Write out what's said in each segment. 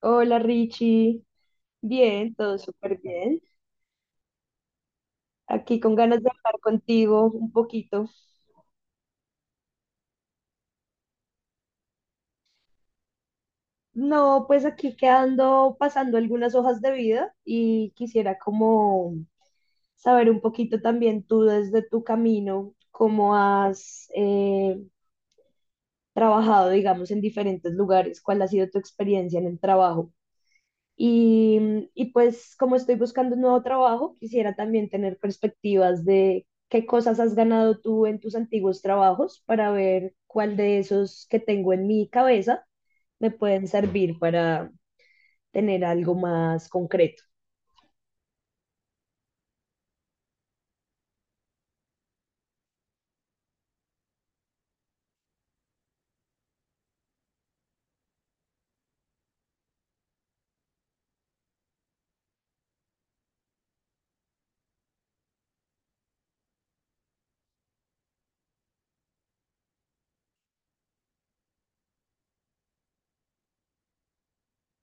Hola Richie, bien, todo súper bien. Aquí con ganas de hablar contigo un poquito. No, pues aquí quedando pasando algunas hojas de vida y quisiera como saber un poquito también tú desde tu camino, cómo has trabajado, digamos, en diferentes lugares, cuál ha sido tu experiencia en el trabajo. Y, y pues como estoy buscando un nuevo trabajo, quisiera también tener perspectivas de qué cosas has ganado tú en tus antiguos trabajos para ver cuál de esos que tengo en mi cabeza me pueden servir para tener algo más concreto.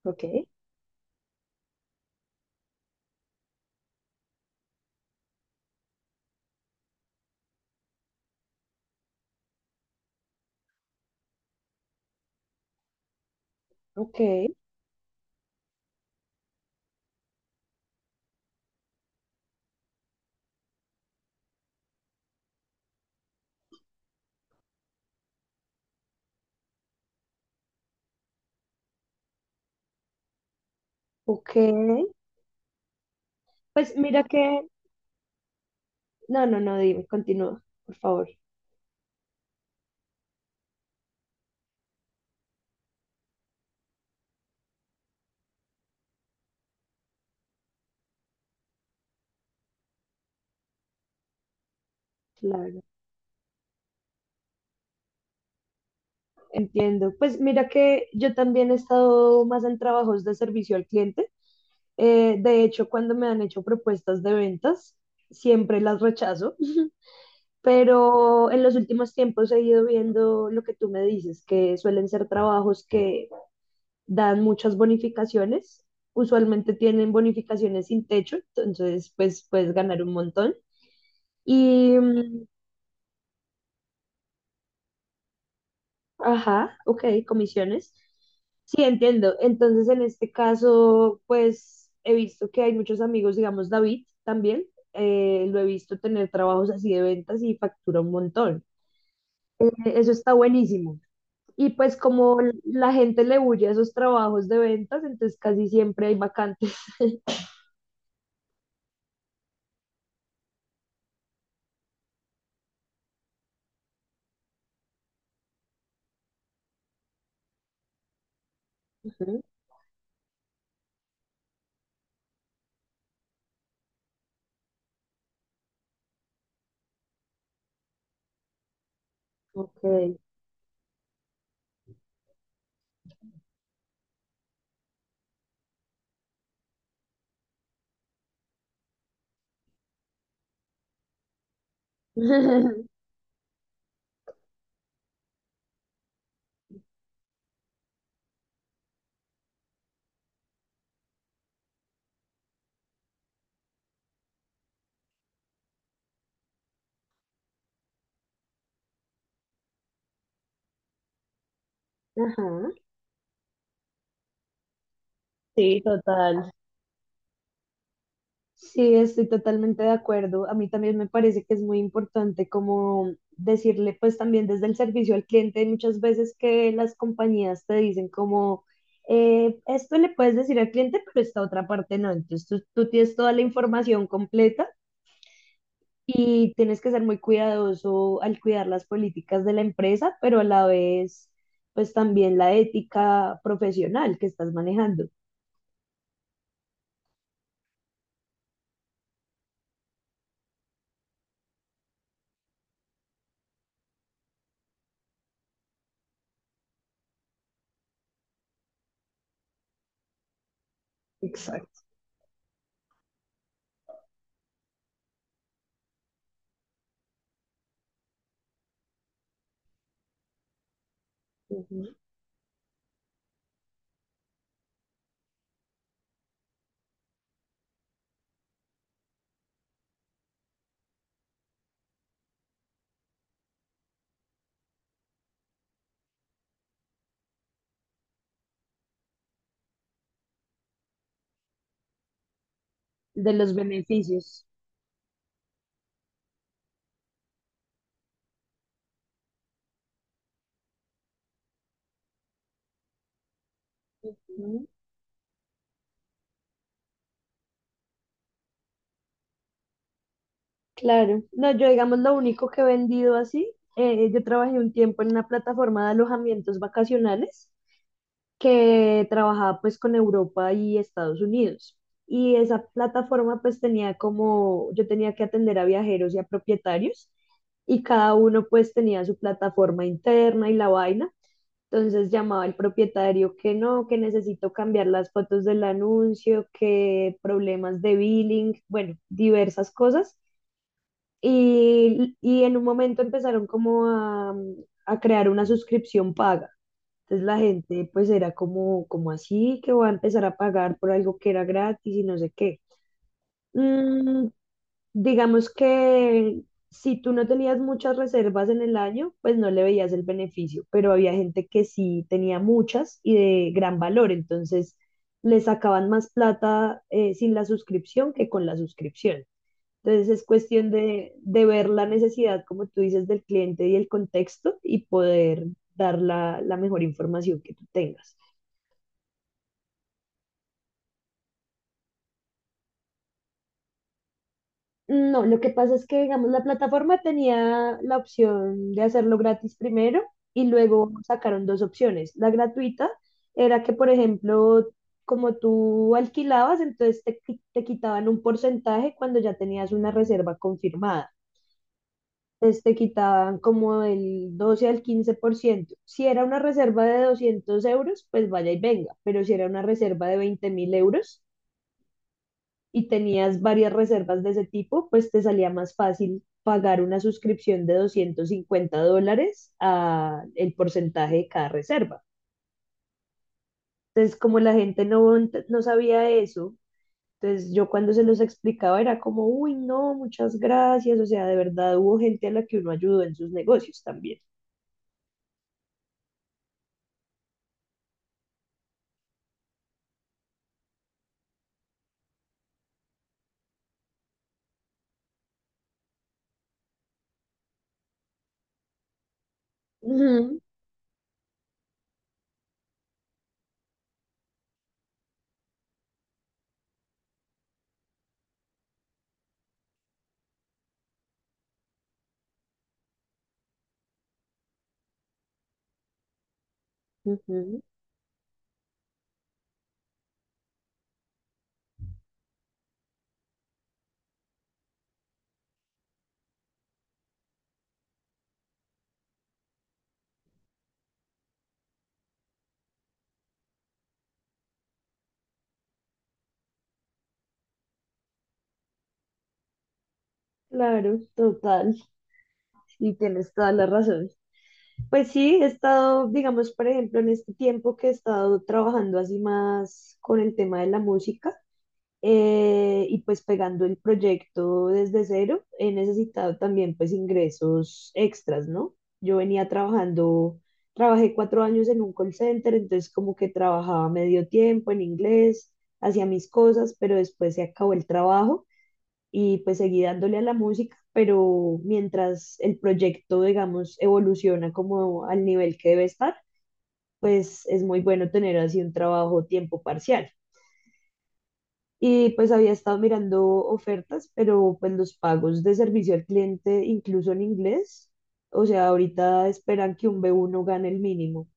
Ok, ok, ok. Pues mira que. No, no, no, dime, continúa, por favor. Claro. Entiendo. Pues mira que yo también he estado más en trabajos de servicio al cliente. De hecho, cuando me han hecho propuestas de ventas, siempre las rechazo. Pero en los últimos tiempos he ido viendo lo que tú me dices, que suelen ser trabajos que dan muchas bonificaciones. Usualmente tienen bonificaciones sin techo, entonces pues puedes ganar un montón. Y mm, Ajá, ok, comisiones. Sí, entiendo. Entonces, en este caso, pues he visto que hay muchos amigos, digamos, David también, lo he visto tener trabajos así de ventas y factura un montón. Eso está buenísimo. Y pues como la gente le huye a esos trabajos de ventas, entonces casi siempre hay vacantes. Ujú, ok. Ajá. Sí, total. Sí, estoy totalmente de acuerdo. A mí también me parece que es muy importante como decirle, pues también desde el servicio al cliente, hay muchas veces que las compañías te dicen como, esto le puedes decir al cliente, pero esta otra parte no. Entonces tú tienes toda la información completa y tienes que ser muy cuidadoso al cuidar las políticas de la empresa, pero a la vez, pues también la ética profesional que estás manejando. Exacto. Ujú. De los beneficios. Claro, no, yo digamos lo único que he vendido así, yo trabajé un tiempo en una plataforma de alojamientos vacacionales que trabajaba pues con Europa y Estados Unidos. Y esa plataforma pues tenía como, yo tenía que atender a viajeros y a propietarios y cada uno pues tenía su plataforma interna y la vaina. Entonces llamaba el propietario que no, que necesito cambiar las fotos del anuncio, que problemas de billing, bueno, diversas cosas. Y en un momento empezaron como a crear una suscripción paga. Entonces la gente pues era como, como así que va a empezar a pagar por algo que era gratis y no sé qué. Mm, digamos que si tú no tenías muchas reservas en el año, pues no le veías el beneficio, pero había gente que sí tenía muchas y de gran valor, entonces le sacaban más plata sin la suscripción que con la suscripción. Entonces es cuestión de ver la necesidad, como tú dices, del cliente y el contexto y poder dar la mejor información que tú tengas. No, lo que pasa es que, digamos, la plataforma tenía la opción de hacerlo gratis primero y luego sacaron dos opciones. La gratuita era que, por ejemplo, como tú alquilabas, entonces te quitaban un porcentaje cuando ya tenías una reserva confirmada. Este, quitaban como el 12 al 15%. Si era una reserva de 200 euros, pues vaya y venga, pero si era una reserva de 20.000 euros y tenías varias reservas de ese tipo, pues te salía más fácil pagar una suscripción de 250 dólares a el porcentaje de cada reserva. Entonces, como la gente no, no sabía eso, entonces yo cuando se los explicaba era como, uy, no, muchas gracias, o sea, de verdad hubo gente a la que uno ayudó en sus negocios también. Ujú. Ujú, claro, total, y tienes toda la razón. Pues sí, he estado, digamos, por ejemplo, en este tiempo que he estado trabajando así más con el tema de la música y pues pegando el proyecto desde cero, he necesitado también pues ingresos extras, ¿no? Yo venía trabajando, trabajé 4 años en un call center, entonces como que trabajaba medio tiempo en inglés, hacía mis cosas, pero después se acabó el trabajo. Y pues seguí dándole a la música, pero mientras el proyecto, digamos, evoluciona como al nivel que debe estar, pues es muy bueno tener así un trabajo tiempo parcial. Y pues había estado mirando ofertas, pero pues los pagos de servicio al cliente, incluso en inglés, o sea, ahorita esperan que un B1 gane el mínimo.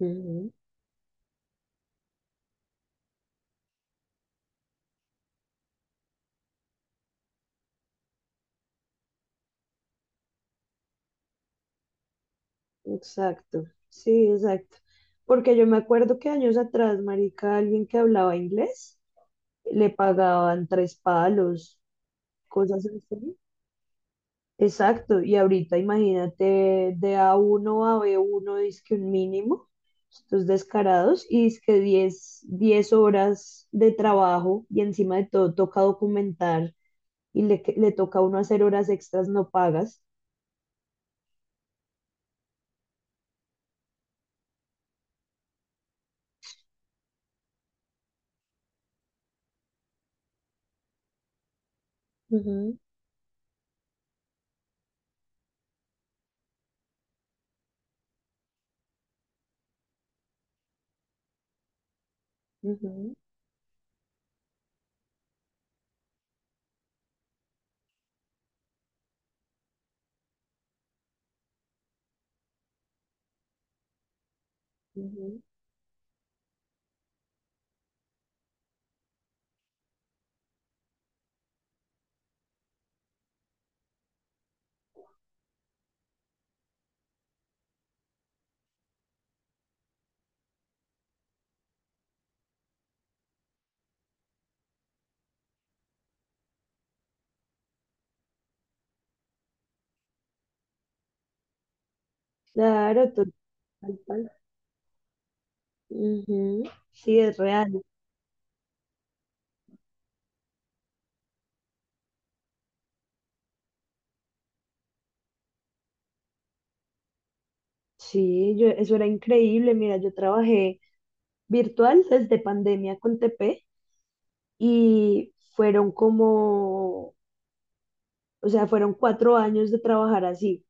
Ujú. Exacto, sí, exacto. Porque yo me acuerdo que años atrás, marica, alguien que hablaba inglés, le pagaban tres palos cosas así. Exacto, y ahorita imagínate de A1 a uno a b 1 que un mínimo, estos descarados, y dizque diez horas de trabajo, y encima de todo toca documentar, y le toca a uno hacer horas extras no pagas. Ujú, ujú, ujú, claro, tal cual. Ujú. Sí, es real. Sí, yo, eso era increíble. Mira, yo trabajé virtual desde pandemia con TP y fueron como, o sea, fueron 4 años de trabajar así.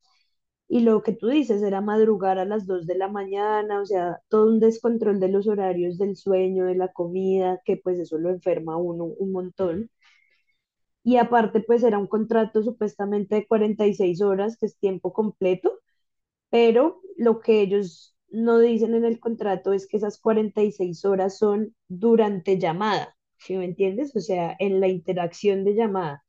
Y lo que tú dices era madrugar a las 2 de la mañana, o sea, todo un descontrol de los horarios del sueño, de la comida, que pues eso lo enferma a uno un montón. Y aparte, pues era un contrato supuestamente de 46 horas, que es tiempo completo, pero lo que ellos no dicen en el contrato es que esas 46 horas son durante llamada, ¿sí me entiendes? O sea, en la interacción de llamada.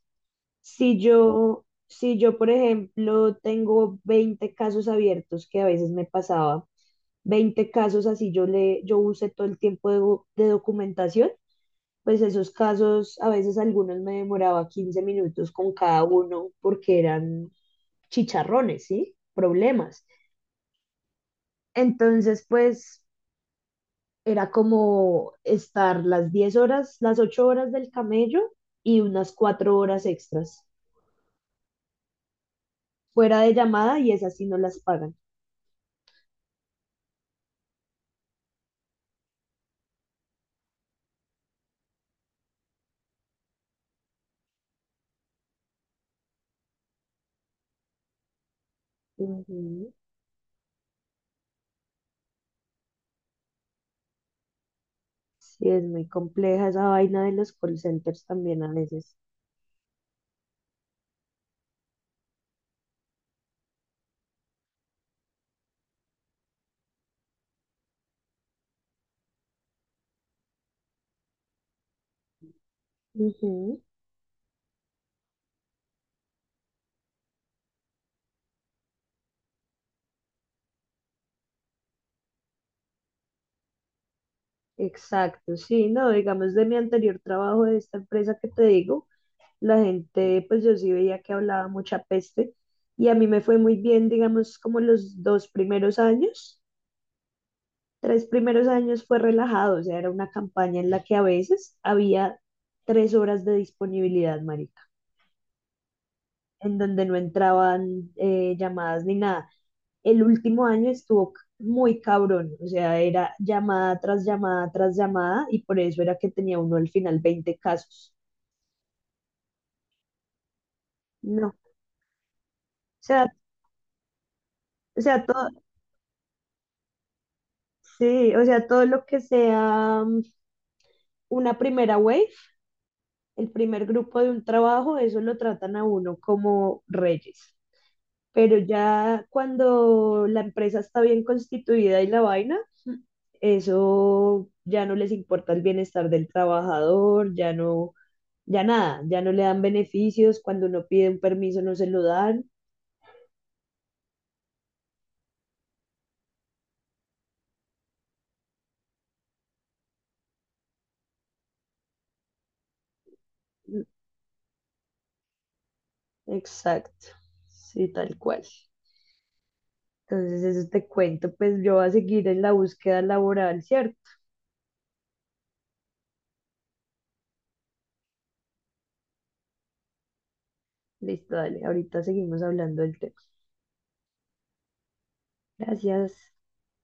Si yo, por ejemplo, tengo 20 casos abiertos, que a veces me pasaba, 20 casos así yo usé todo el tiempo de documentación, pues esos casos, a veces algunos me demoraba 15 minutos con cada uno porque eran chicharrones, ¿sí? Problemas. Entonces, pues era como estar las 10 horas, las 8 horas del camello y unas 4 horas extras fuera de llamada y esas sí no las pagan. Ujú. Sí, es muy compleja esa vaina de los call centers también a veces. Ujú, exacto, sí, no, digamos de mi anterior trabajo de esta empresa que te digo, la gente, pues yo sí veía que hablaba mucha peste y a mí me fue muy bien, digamos, como los dos primeros años, tres primeros años fue relajado, o sea, era una campaña en la que a veces había 3 horas de disponibilidad, marica, en donde no entraban llamadas ni nada. El último año estuvo muy cabrón, o sea, era llamada tras llamada tras llamada y por eso era que tenía uno al final 20 casos. No, sea, o sea, todo, sí, o sea, todo lo que sea una primera wave, el primer grupo de un trabajo, eso lo tratan a uno como reyes. Pero ya cuando la empresa está bien constituida y la vaina, eso ya no les importa el bienestar del trabajador, ya no, ya nada, ya no le dan beneficios, cuando uno pide un permiso no se lo dan. Exacto, sí, tal cual. Entonces, eso te cuento, pues yo voy a seguir en la búsqueda laboral, ¿cierto? Listo, dale, ahorita seguimos hablando del tema. Gracias.